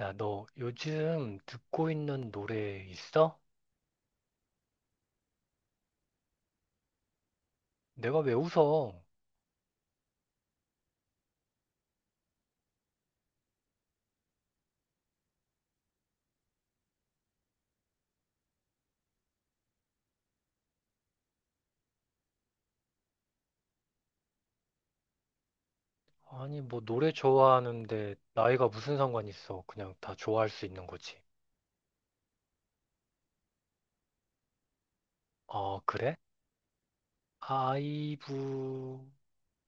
야, 너 요즘 듣고 있는 노래 있어? 내가 왜 웃어? 아니, 뭐 노래 좋아하는데 나이가 무슨 상관 있어? 그냥 다 좋아할 수 있는 거지. 어, 그래? 아이브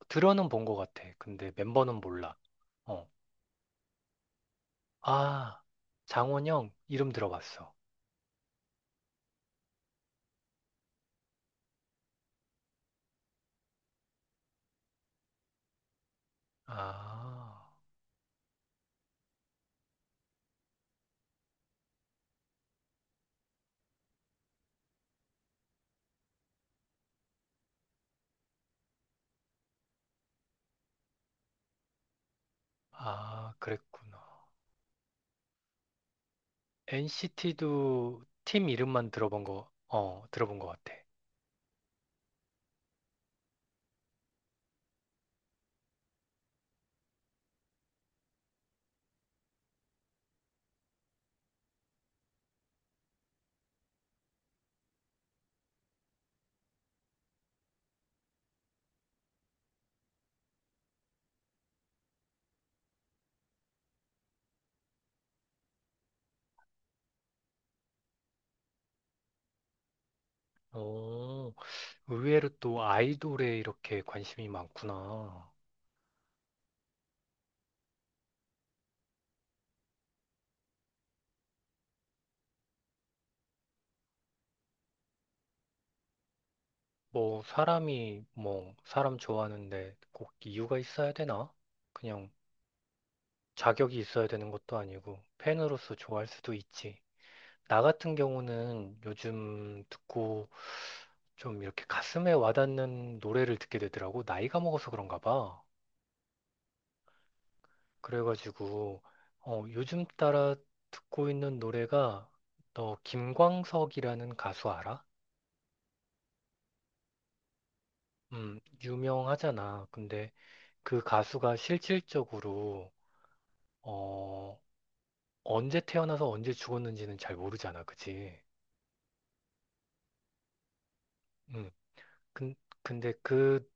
들어는 본 것 같아. 근데 멤버는 몰라. 어. 아, 장원영 이름 들어봤어. 아, 아, 그랬구나. NCT도 팀 이름만 들어본 거, 들어본 것 같아. 오. 의외로 또 아이돌에 이렇게 관심이 많구나. 뭐 사람 좋아하는데 꼭 이유가 있어야 되나? 그냥 자격이 있어야 되는 것도 아니고 팬으로서 좋아할 수도 있지. 나 같은 경우는 요즘 듣고 좀 이렇게 가슴에 와닿는 노래를 듣게 되더라고. 나이가 먹어서 그런가 봐. 그래가지고 요즘 따라 듣고 있는 노래가 너 김광석이라는 가수 알아? 유명하잖아. 근데 그 가수가 실질적으로, 어, 언제 태어나서 언제 죽었는지는 잘 모르잖아. 그치? 음, 근, 근데 그,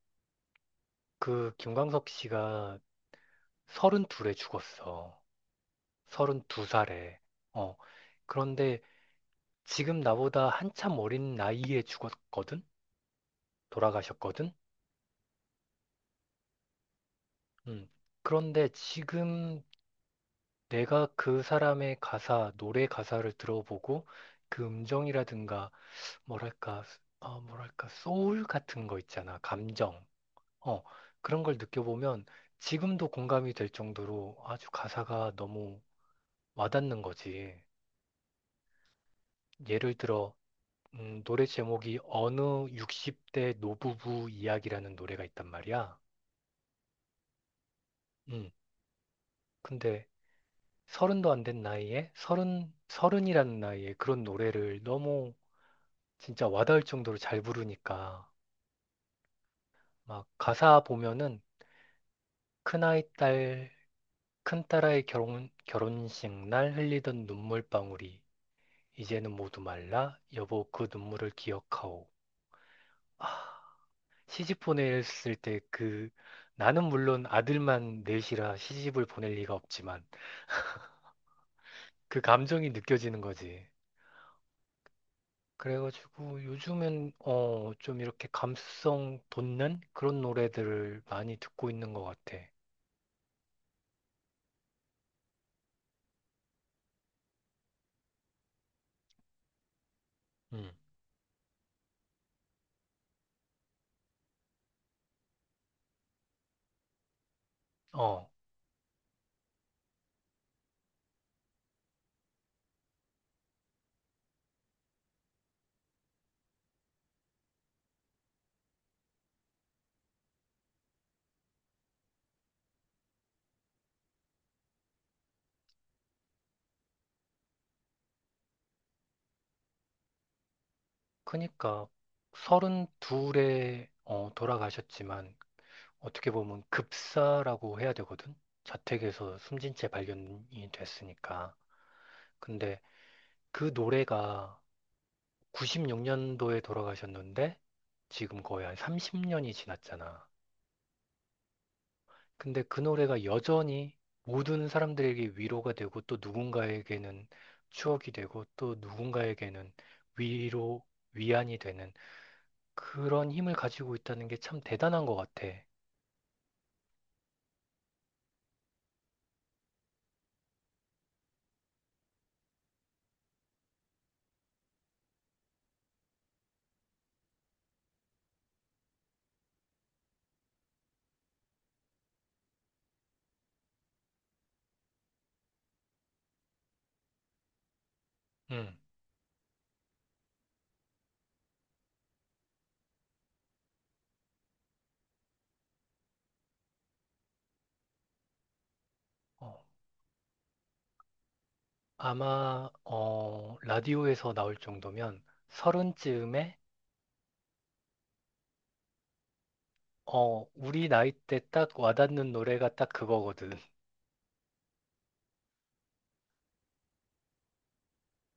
그 김광석 씨가 32에 죽었어. 32살에. 어, 그런데 지금 나보다 한참 어린 나이에 죽었거든? 돌아가셨거든? 음, 그런데 지금 내가 그 사람의 가사, 노래 가사를 들어보고 그 음정이라든가 뭐랄까, 뭐랄까, 소울 같은 거 있잖아. 감정. 어, 그런 걸 느껴보면 지금도 공감이 될 정도로 아주 가사가 너무 와닿는 거지. 예를 들어, 노래 제목이 어느 60대 노부부 이야기라는 노래가 있단 말이야. 음, 근데 서른도 안 된 나이에 서른이라는 나이에 그런 노래를 너무 진짜 와닿을 정도로 잘 부르니까 막 가사 보면은 큰아이 딸 큰딸아이 결혼식 날 흘리던 눈물방울이 이제는 모두 말라. 여보, 그 눈물을 기억하오. 아, 시집 보냈을 때 나는 물론 아들만 넷이라 시집을 보낼 리가 없지만 그 감정이 느껴지는 거지. 그래가지고 요즘엔 좀 이렇게 감수성 돋는 그런 노래들을 많이 듣고 있는 것 같아. 음. 어, 그니까 서른둘에 돌아가셨지만 어떻게 보면 급사라고 해야 되거든. 자택에서 숨진 채 발견이 됐으니까. 근데 그 노래가 96년도에 돌아가셨는데 지금 거의 한 30년이 지났잖아. 근데 그 노래가 여전히 모든 사람들에게 위로가 되고 또 누군가에게는 추억이 되고 또 누군가에게는 위로, 위안이 되는 그런 힘을 가지고 있다는 게 참 대단한 것 같아. 음. 어, 아마 라디오에서 나올 정도면 서른쯤에 우리 나이 때 딱 와닿는 노래가 딱 그거거든.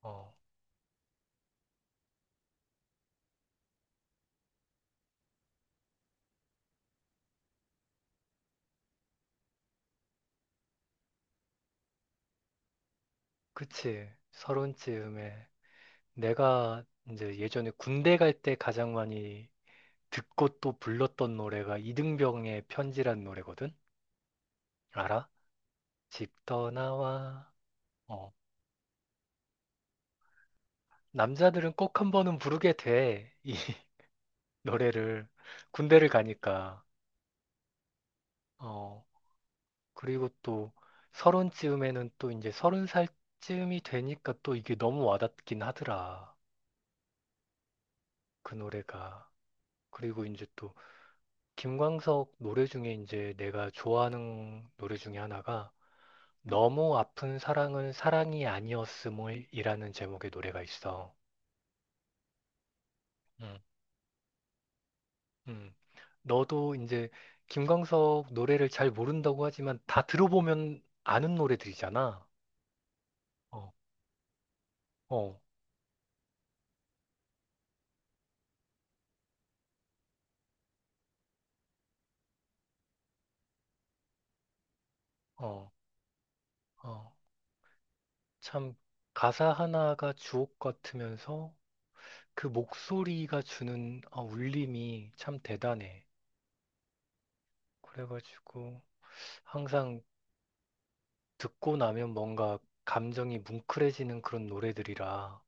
어, 그치. 서른쯤에 내가 이제 예전에 군대 갈 때 가장 많이 듣고 또 불렀던 노래가 이등병의 편지란 노래거든. 알아? 집 떠나와. 어, 남자들은 꼭 한 번은 부르게 돼. 이 노래를 군대를 가니까. 어. 그리고 또 서른쯤에는 또 이제 서른 살쯤이 되니까 또 이게 너무 와닿긴 하더라. 그 노래가. 그리고 이제 또 김광석 노래 중에 이제 내가 좋아하는 노래 중에 하나가 너무 아픈 사랑은 사랑이 아니었음이라는 제목의 노래가 있어. 음. 음. 너도 이제 김광석 노래를 잘 모른다고 하지만 다 들어보면 아는 노래들이잖아. 어, 어, 어, 어. 참 가사 하나가 주옥 같으면서 그 목소리가 주는 울림이 참 대단해. 그래가지고 항상 듣고 나면 뭔가 감정이 뭉클해지는 그런 노래들이라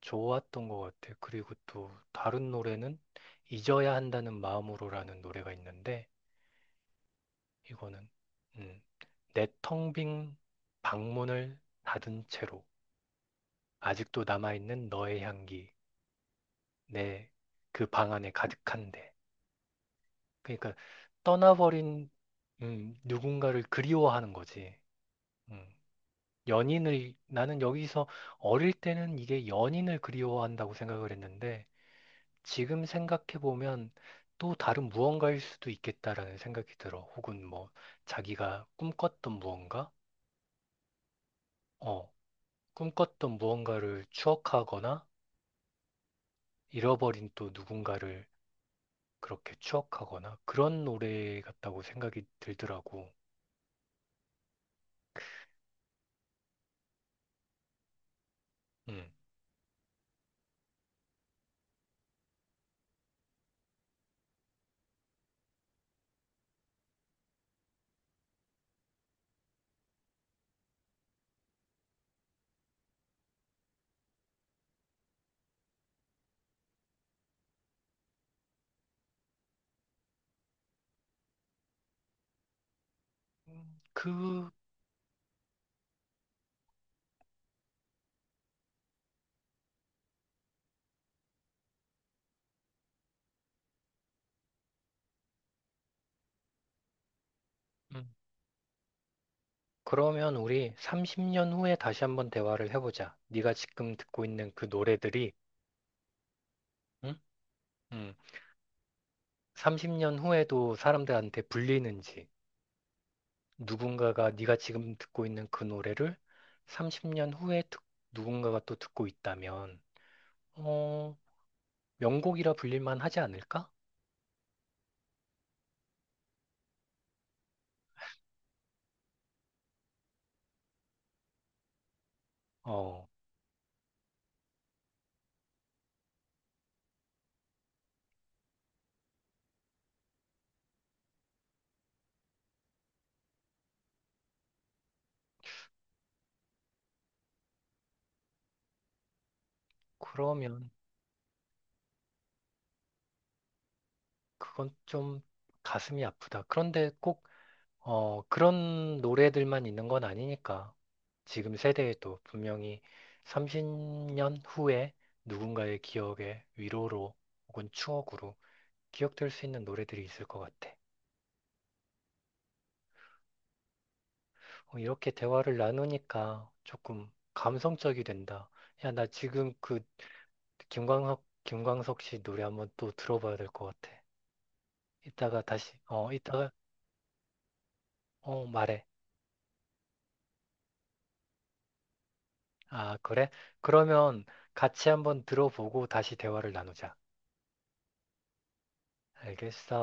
좋았던 것 같아. 그리고 또 다른 노래는 잊어야 한다는 마음으로라는 노래가 있는데 이거는 음, 내텅 빈 방문을 닫은 채로 아직도 남아있는 너의 향기 내 그 방 안에 가득한데. 그러니까 떠나버린 누군가를 그리워하는 거지. 음, 연인을 나는 여기서 어릴 때는 이게 연인을 그리워한다고 생각을 했는데 지금 생각해 보면 또 다른 무언가일 수도 있겠다라는 생각이 들어. 혹은 뭐 자기가 꿈꿨던 어, 무언가를 추억하거나 잃어버린 또 누군가를 그렇게 추억하거나 그런 노래 같다고 생각이 들더라고. 음. 음, 그 음. 그러면 우리 30년 후에 다시 한번 대화를 해보자. 네가 지금 듣고 있는 그 노래들이, 응? 음, 30년 후에도 사람들한테 불리는지, 누군가가 네가 지금 듣고 있는 그 노래를 30년 후에 누군가가 또 듣고 있다면, 어, 명곡이라 불릴만 하지 않을까? 어, 그러면 그건 좀 가슴이 아프다. 그런데 꼭 그런 노래들만 있는 건 아니니까. 지금 세대에도 분명히 30년 후에 누군가의 기억에 위로로 혹은 추억으로 기억될 수 있는 노래들이 있을 것 같아. 이렇게 대화를 나누니까 조금 감성적이 된다. 야, 나 지금 그 김광석 씨 노래 한번 또 들어봐야 될 것 같아. 이따가 다시, 이따가, 말해. 아, 그래? 그러면 같이 한번 들어보고 다시 대화를 나누자. 알겠어.